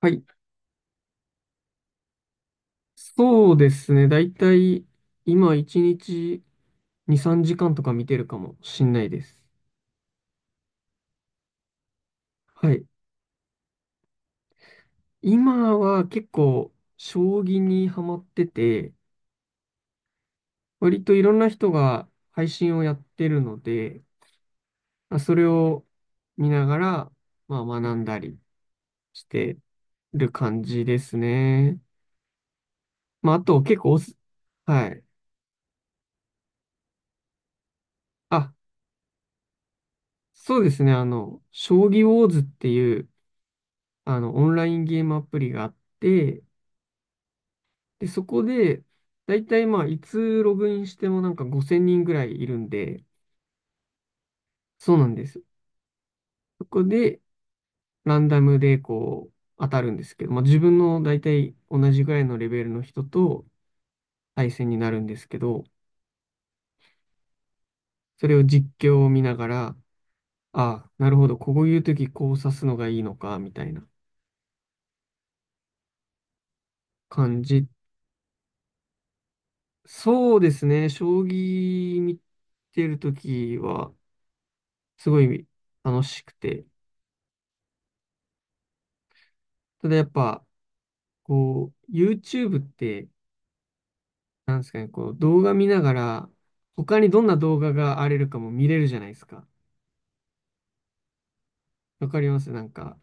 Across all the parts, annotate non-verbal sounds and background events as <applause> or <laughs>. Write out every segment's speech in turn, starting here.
はい。そうですね。だいたい今1日2、3時間とか見てるかもしんないです。はい。今は結構将棋にハマってて、割といろんな人が配信をやってるので、まあそれを見ながら、まあ学んだりしてる感じですね。まああと結構はい。あ、そうですね。あの、将棋ウォーズっていう、あの、オンラインゲームアプリがあって、で、そこで、だいたいまあ、いつログインしてもなんか5000人ぐらいいるんで、そうなんですよ。そこで、ランダムでこう、当たるんですけど、まあ、自分のだいたい同じぐらいのレベルの人と対戦になるんですけど、それを実況を見ながら、ああ、なるほど、こういう時こう指すのがいいのか、みたいな感じ。そうですね、将棋見てる時は、すごい楽しくて、ただやっぱ、こう、YouTube って、なんですかね、こう動画見ながら、他にどんな動画があれるかも見れるじゃないですか。わかりますなんか、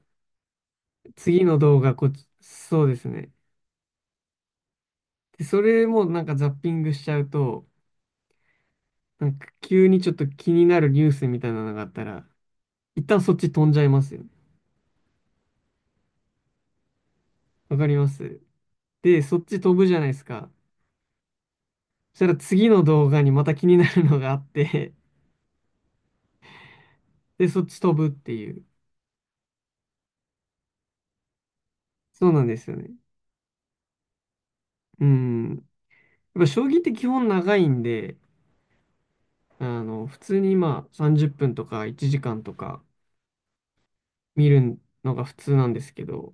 次の動画こっち、そうですね。で、それもなんかザッピングしちゃうと、なんか急にちょっと気になるニュースみたいなのがあったら、一旦そっち飛んじゃいますよね。わかりますで、そっち飛ぶじゃないですか。そしたら次の動画にまた気になるのがあって、<laughs> で、そっち飛ぶっていう。そうなんですよね。うん。やっぱ将棋って基本長いんで、あの、普通にまあ30分とか1時間とか見るのが普通なんですけど、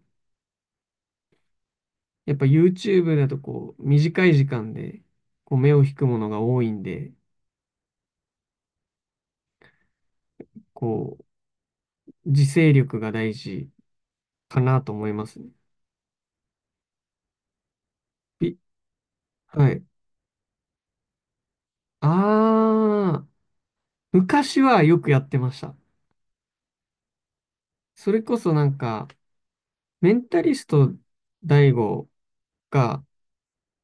やっぱ YouTube だとこう短い時間でこう目を引くものが多いんで、こう自制力が大事かなと思いますね。びはい。ああ、昔はよくやってました。それこそなんか、メンタリストダイゴが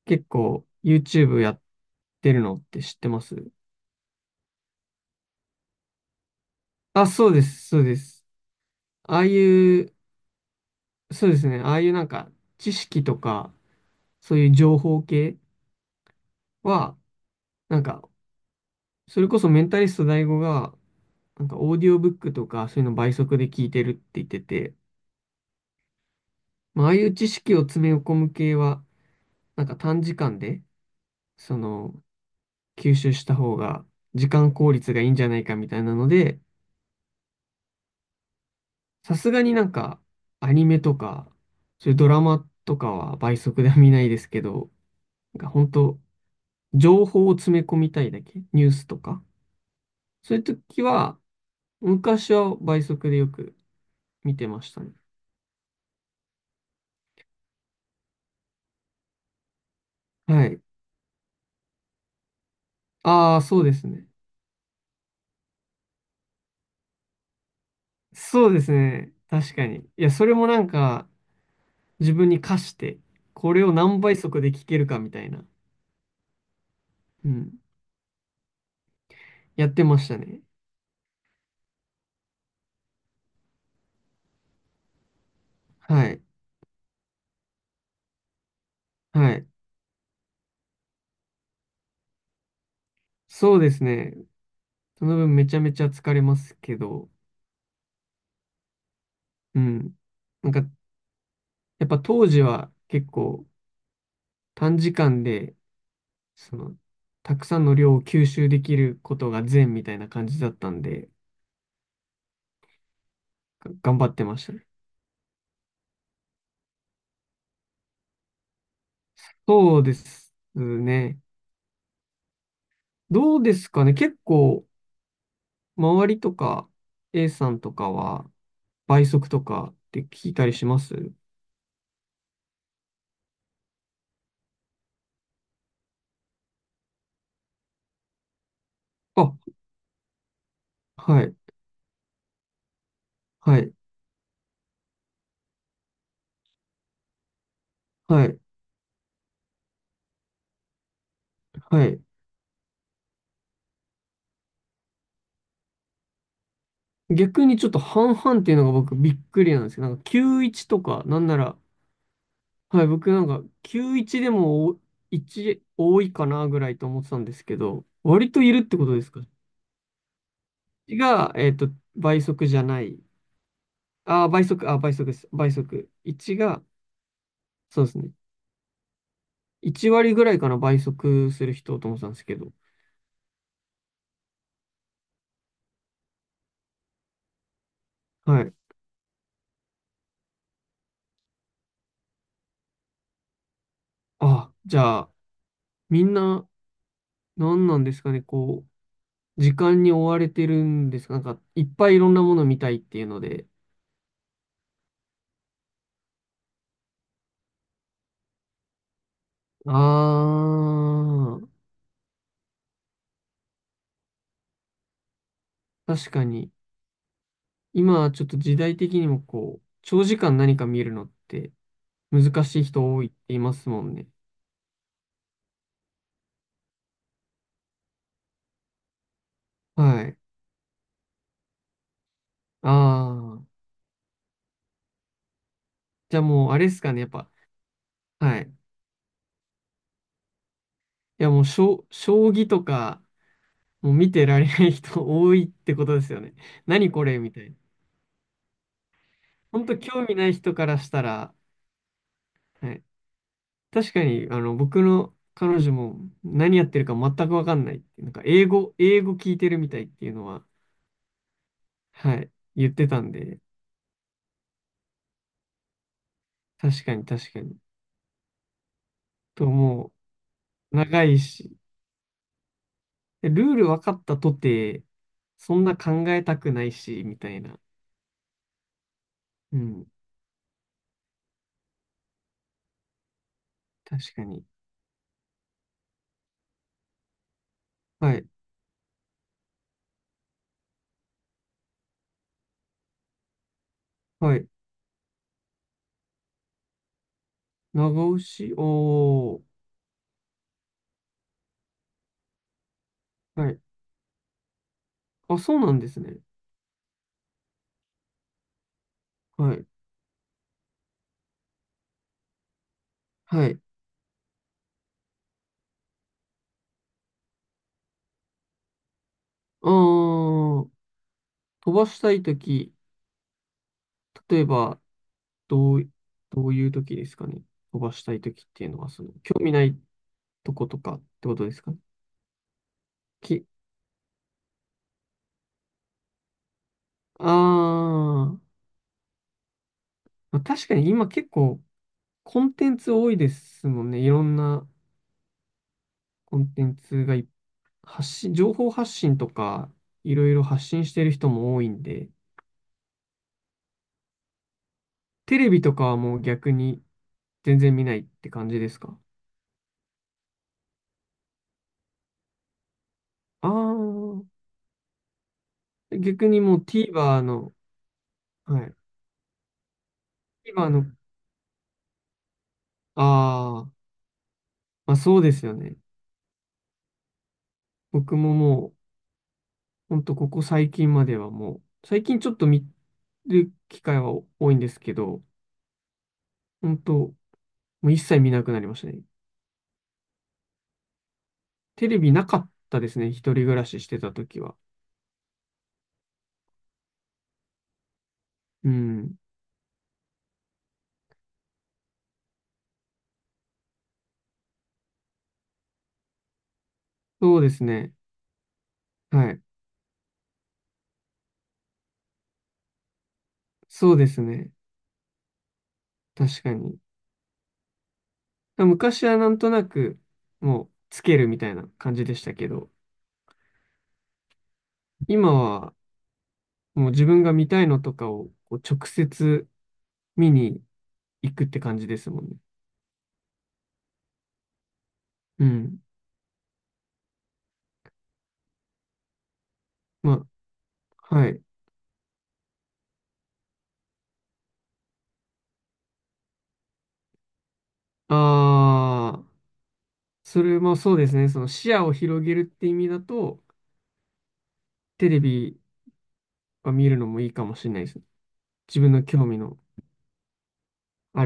結構 YouTube やってるのって知ってます？あ、そうです、そうです。ああいうそうですね。ああいうなんか知識とか、そういう情報系は、なんか、それこそメンタリスト大吾が、なんかオーディオブックとか、そういうの倍速で聞いてるって言ってて、まあ、ああいう知識を詰め込む系は、なんか短時間で、その、吸収した方が、時間効率がいいんじゃないかみたいなので、さすがになんか、アニメとか、そういうドラマとかは倍速では見ないですけど、なんか本当情報を詰め込みたいだけ、ニュースとか。そういう時は、昔は倍速でよく見てましたね。はい。ああ、そうですね。そうですね。確かに。いや、それもなんか、自分に課して、これを何倍速で聞けるかみたいな、うん、やってましたね。はい。はい。そうですね。その分めちゃめちゃ疲れますけど、うん。なんか、やっぱ当時は結構短時間で、その、たくさんの量を吸収できることが善みたいな感じだったんで、頑張ってましたね。そうですね。どうですかね。結構、周りとか、A さんとかは、倍速とかって聞いたりします？あ、はい、はい、はい、はい。逆にちょっと半々っていうのが僕びっくりなんですけど、なんか91とか、なんなら、はい、僕なんか91でもお1多いかなぐらいと思ってたんですけど、割といるってことですか？が、えっと、倍速じゃない。ああ、倍速、あ、倍速です。倍速。1が、そうですね。1割ぐらいかな、倍速する人と思ってたんですけど。はい。あ、じゃあ、みんな、何なんですかね、こう、時間に追われてるんですか？なんか、いっぱいいろんなもの見たいっていうので。ああ、確かに。今、ちょっと時代的にもこう、長時間何か見るのって難しい人多いって言いますもんね。はい。ああ、じゃあもう、あれですかね、やっぱ。はい。いやもう、将棋とか、もう見てられない人 <laughs> 多いってことですよね。何これみたいな。本当興味ない人からしたら、はい。確かに、あの、僕の彼女も何やってるか全くわかんないっていう。なんか、英語聞いてるみたいっていうのは、はい、言ってたんで、確かに確かに。と、もう、長いし、でルール分かったとて、そんな考えたくないし、みたいな。うん、確かに。はい、はい。長押し、おー。はい。あ、そうなんですね。はい。はい。あー、飛ばしたいとき、例えば、どう、どういうときですかね。飛ばしたいときっていうのは、その、興味ないとことかってことですかね。き、あー、まあ確かに今結構、コンテンツ多いですもんね。いろんなコンテンツが発信、情報発信とか、いろいろ発信してる人も多いんで、テレビとかはもう逆に全然見ないって感じですか？ああー、逆にもう TVer の、はい。TVer の、ああ、まあそうですよね。僕ももう、ほんとここ最近まではもう、最近ちょっと見る機会は多いんですけど、本当もう一切見なくなりましたね。テレビなかったですね。一人暮らししてた時は。うん。そうですね。はい。そうですね。確かに。昔はなんとなく、もう、つけるみたいな感じでしたけど、今は、もう自分が見たいのとかをこう直接見に行くって感じですもんね。うん。まあ、はい。ああ、それもそうですね。その視野を広げるって意味だと、テレビは見るのもいいかもしれないですね。自分の興味の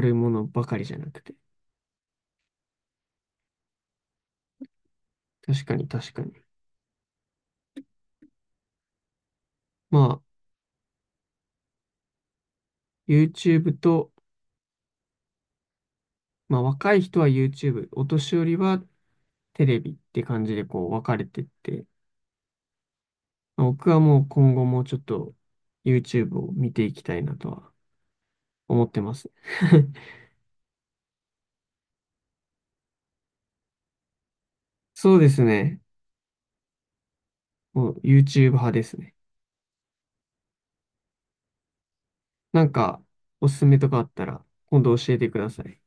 あるものばかりじゃなくて。確かに確かに。まあ、YouTube と、まあ若い人は YouTube、お年寄りはテレビって感じでこう分かれてって、まあ僕はもう今後もちょっと YouTube を見ていきたいなとは思ってます。<laughs> そうですね。もう YouTube 派ですね。なんか、おすすめとかあったら、今度教えてください。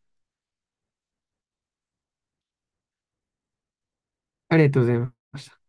ありがとうございました。